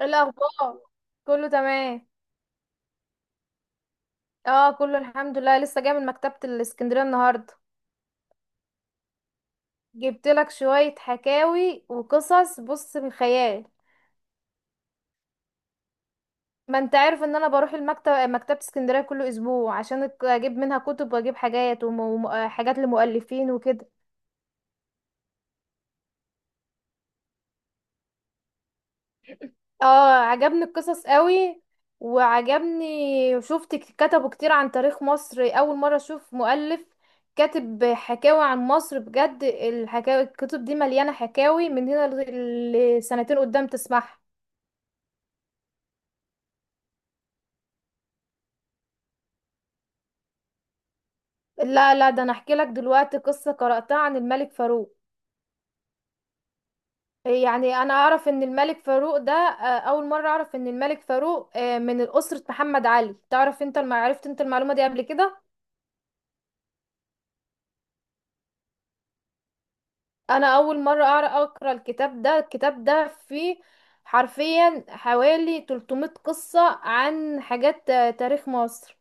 إيه الاخبار؟ كله تمام. اه، كله الحمد لله، لسه جاي من مكتبة الاسكندرية النهاردة. جبت لك شوية حكاوي وقصص، بص، من خيال. ما انت عارف ان انا بروح المكتب مكتبة اسكندرية كل اسبوع عشان اجيب منها كتب واجيب حاجات وحاجات لمؤلفين وكده. اه، عجبني القصص قوي. وعجبني شفت كتبوا كتير عن تاريخ مصر، اول مرة اشوف مؤلف كاتب حكاوي عن مصر بجد، الحكاوي الكتب دي مليانة حكاوي، من هنا لسنتين قدام تسمعها. لا لا، ده انا احكي لك دلوقتي قصة قرأتها عن الملك فاروق. يعني انا اعرف ان الملك فاروق ده اول مرة اعرف ان الملك فاروق من اسرة محمد علي. تعرف انت عرفت انت المعلومة دي قبل كده؟ انا اول مره اعرف اقرا الكتاب ده، الكتاب ده فيه حرفيا حوالي 300 قصه عن حاجات تاريخ مصر.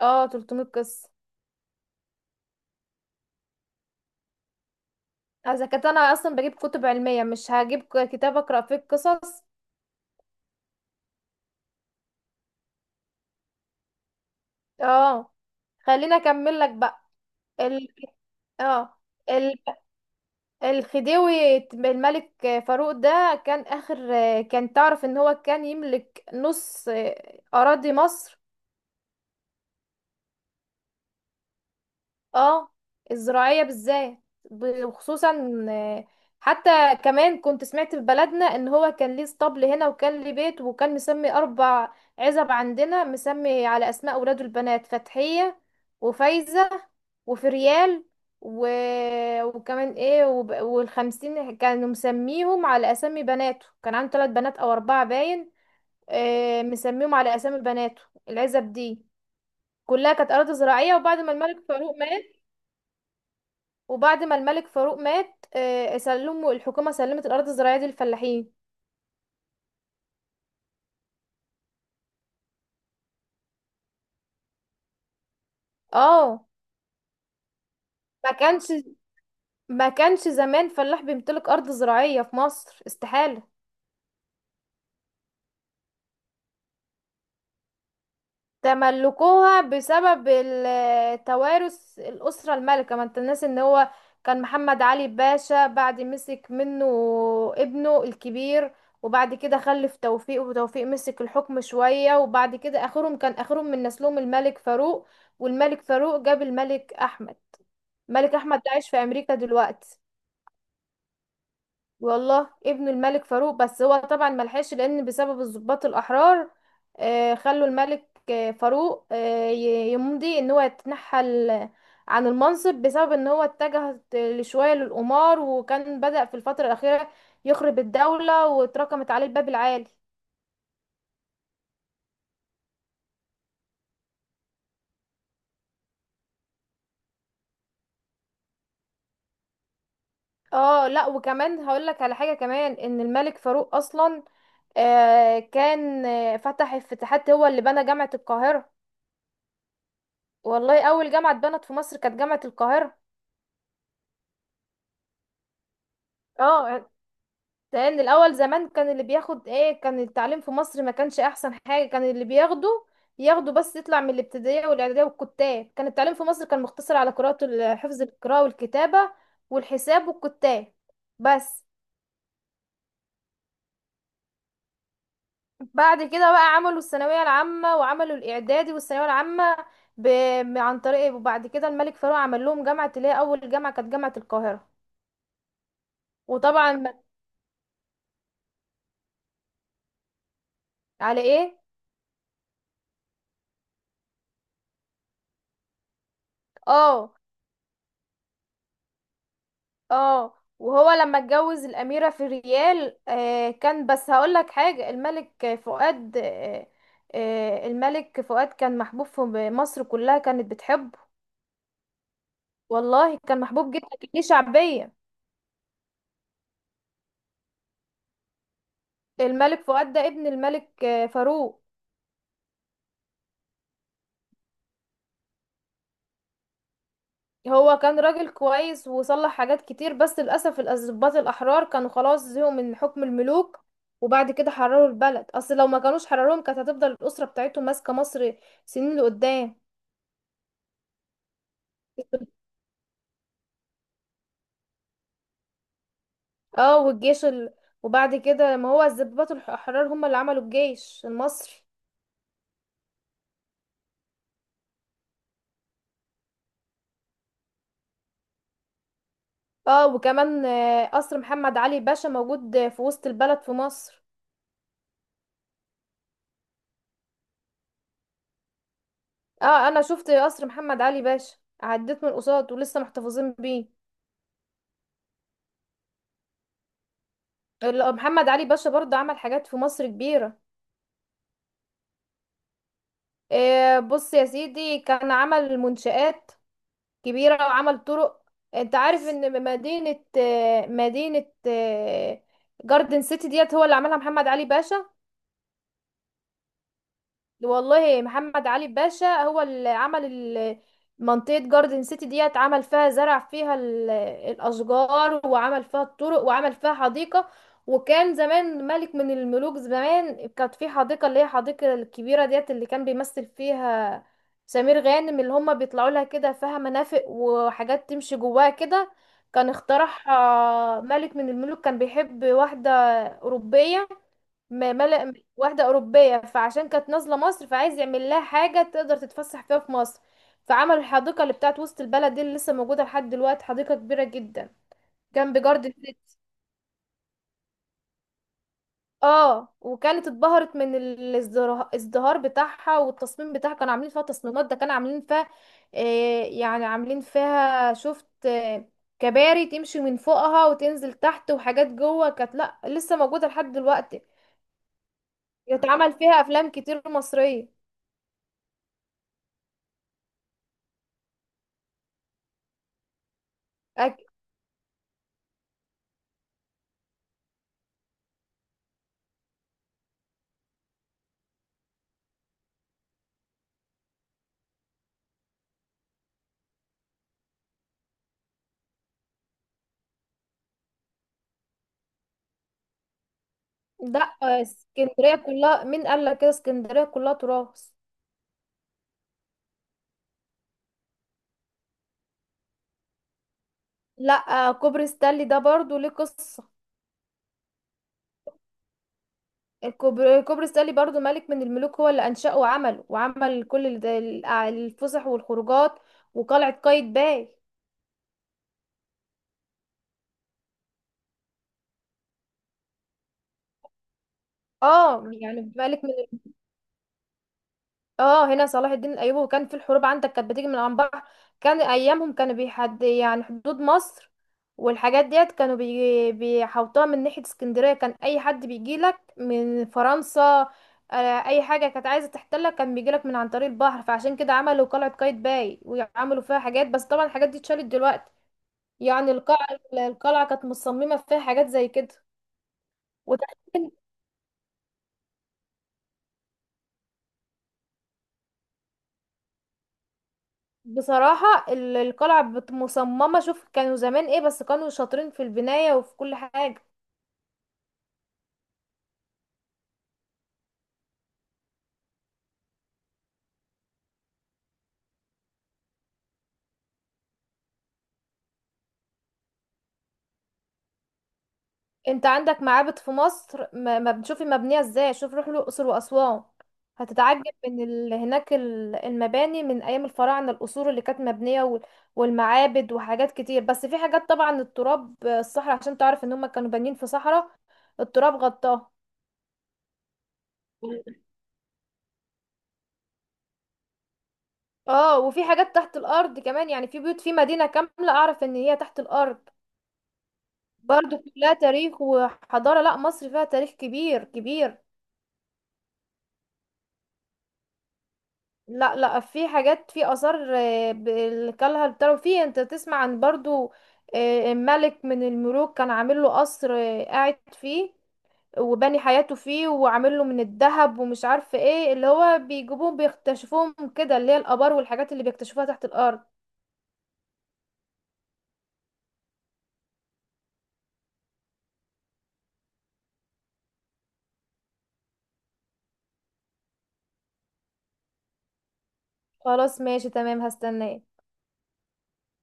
اه، 300 قصه. اذا كنت انا اصلا بجيب كتب علميه مش هجيب كتاب اقرا فيه القصص. اه، خليني اكمل لك بقى. ال... اه، ال... الخديوي الملك فاروق ده كان اخر، كان تعرف ان هو كان يملك نص، اراضي مصر. اه، الزراعية بالذات. وخصوصا، حتى كمان كنت سمعت في بلدنا ان هو كان ليه اسطبل هنا، وكان ليه بيت، وكان مسمي اربع عزب عندنا مسمي على اسماء اولاده البنات، فتحية وفايزة وفريال و... وكمان ايه والخمسين، كانوا مسميهم على اسامي بناته، كان عنده ثلاث بنات او اربعة باين، مسميهم على اسامي بناته العزب دي. كلها كانت اراضي زراعية، وبعد ما الملك فاروق مات، وبعد ما الملك فاروق مات آه، سلموا الحكومة سلمت الأرض الزراعية دي للفلاحين. اه، ما كانش ما كانش زمان فلاح بيمتلك أرض زراعية في مصر، استحالة. تملكوها بسبب توارث الأسرة المالكة، ما انت الناس ان هو كان محمد علي باشا، بعد مسك منه ابنه الكبير، وبعد كده خلف توفيق، وتوفيق مسك الحكم شوية، وبعد كده آخرهم، كان آخرهم من نسلهم الملك فاروق، والملك فاروق جاب الملك أحمد. ملك احمد ده عايش في امريكا دلوقتي، والله، ابن الملك فاروق، بس هو طبعا ملحقش لان بسبب الضباط الاحرار خلوا الملك فاروق يمضي ان هو يتنحل عن المنصب، بسبب ان هو اتجه شوية للقمار، وكان بدأ في الفترة الأخيرة يخرب الدولة واتركمت عليه الباب العالي. اه لا، وكمان هقول لك على حاجة كمان، ان الملك فاروق اصلا كان فتح افتتاحات، هو اللي بنى جامعة القاهرة. والله، اول جامعه اتبنت في مصر كانت جامعه القاهره. اه، لان الاول زمان كان اللي بياخد ايه، كان التعليم في مصر ما كانش احسن حاجه، كان اللي بياخده ياخده بس يطلع من الابتدائيه والاعداديه والكتاب، كان التعليم في مصر كان مقتصر على قراءه حفظ القراءه والكتابه والحساب والكتاب بس. بعد كده بقى عملوا الثانويه العامه، وعملوا الاعدادي والثانويه العامه ب... عن طريق إيه، وبعد كده الملك فاروق عمل لهم جامعه، اللي هي اول جامعه كانت جامعه القاهره. وطبعا على ايه. اه. اه، وهو لما اتجوز الأميرة في الريال كان، بس هقولك حاجة، الملك فؤاد الملك فؤاد كان محبوب، في مصر كلها كانت بتحبه. والله كان محبوب جدا، كان ليه شعبية. الملك فؤاد ده ابن الملك فاروق. هو كان راجل كويس وصلح حاجات كتير، بس للأسف الضباط الأحرار كانوا خلاص زهقوا من حكم الملوك، وبعد كده حرروا البلد، أصل لو ما كانوش حرروهم كانت هتفضل الأسرة بتاعتهم ماسكة مصر سنين لقدام. اه، والجيش وبعد كده ما هو الضباط الحرار هم اللي عملوا الجيش المصري. اه، وكمان قصر محمد علي باشا موجود في وسط البلد في مصر. اه، انا شفت قصر محمد علي باشا، عديت من قصاد ولسه محتفظين بيه. محمد علي باشا برضه عمل حاجات في مصر كبيرة. آه، بص يا سيدي، كان عمل منشآت كبيرة وعمل طرق. انت عارف ان مدينة جاردن سيتي ديت هو اللي عملها محمد علي باشا. والله محمد علي باشا هو اللي عمل منطقة جاردن سيتي ديت، عمل فيها زرع، فيها الأشجار، وعمل فيها الطرق، وعمل فيها حديقة. وكان زمان ملك من الملوك زمان، كانت في حديقة اللي هي الحديقة الكبيرة ديت، اللي كان بيمثل فيها سمير غانم، اللي هما بيطلعوا لها كده، فيها مرافق وحاجات تمشي جواها كده. كان اخترعها ملك من الملوك كان بيحب واحدة أوروبية، ملأ واحدة أوروبية، فعشان كانت نازلة مصر فعايز يعمل لها حاجة تقدر تتفسح فيها في مصر، فعمل الحديقة اللي بتاعت وسط البلد دي، اللي لسه موجودة لحد دلوقتي، حديقة كبيرة جدا جنب جارد السيتي. اه، وكانت اتبهرت من الازدهار بتاعها والتصميم بتاعها، كانوا عاملين فيها تصميمات، ده كانوا عاملين فيها، آه، يعني عاملين فيها، شفت، آه، كباري تمشي من فوقها وتنزل تحت، وحاجات جوه كانت، لا لسه موجودة لحد دلوقتي، يتعمل فيها أفلام كتير مصرية. لا، اسكندرية كلها، مين قال لك كده، اسكندرية كلها تراث. لا كوبري ستانلي ده برضو ليه قصة. كوبري ستانلي برضو ملك من الملوك هو اللي أنشأه وعمله، وعمل كل الفسح والخروجات، وقلعة قايتباي. اه يعني ملك. اه، هنا صلاح الدين الايوبي، وكان في الحروب عندك كانت بتيجي من عن بحر، كان ايامهم كانوا بيحد يعني حدود مصر، والحاجات ديت كانوا بيحوطوها من ناحية اسكندرية، كان اي حد بيجيلك من فرنسا آه، اي حاجة كانت عايزة تحتلك كان بيجيلك من عن طريق البحر، فعشان كده عملوا قلعة قايتباي، وعملوا فيها حاجات، بس طبعا الحاجات دي اتشالت دلوقتي. يعني القلعة، القلعة كانت مصممة فيها حاجات زي كده. بصراحة القلعة مصممة، شوف كانوا زمان ايه، بس كانوا شاطرين في البناية وفي كل حاجة. انت عندك معابد في مصر، ما بتشوفي مبنية ازاي، شوف روح الأقصر وأسوان، هتتعجب من هناك المباني من أيام الفراعنة، القصور اللي كانت مبنية والمعابد وحاجات كتير، بس في حاجات طبعا التراب، الصحراء، عشان تعرف ان هم كانوا بانيين في صحراء، التراب غطاه. اه، وفي حاجات تحت الأرض كمان، يعني في بيوت، في مدينة كاملة أعرف ان هي تحت الأرض، برضو كلها تاريخ وحضارة، لا مصر فيها تاريخ كبير كبير. لا لا، في حاجات، في آثار اللي كلها بتاعه في، انت تسمع عن برضو ملك من الملوك كان عامل له قصر قاعد فيه، وبني حياته فيه، وعامل له من الذهب ومش عارفه ايه، اللي هو بيجيبوهم بيكتشفوهم كده، اللي هي الآبار والحاجات اللي بيكتشفوها تحت الأرض. خلاص ماشي تمام، هستناه.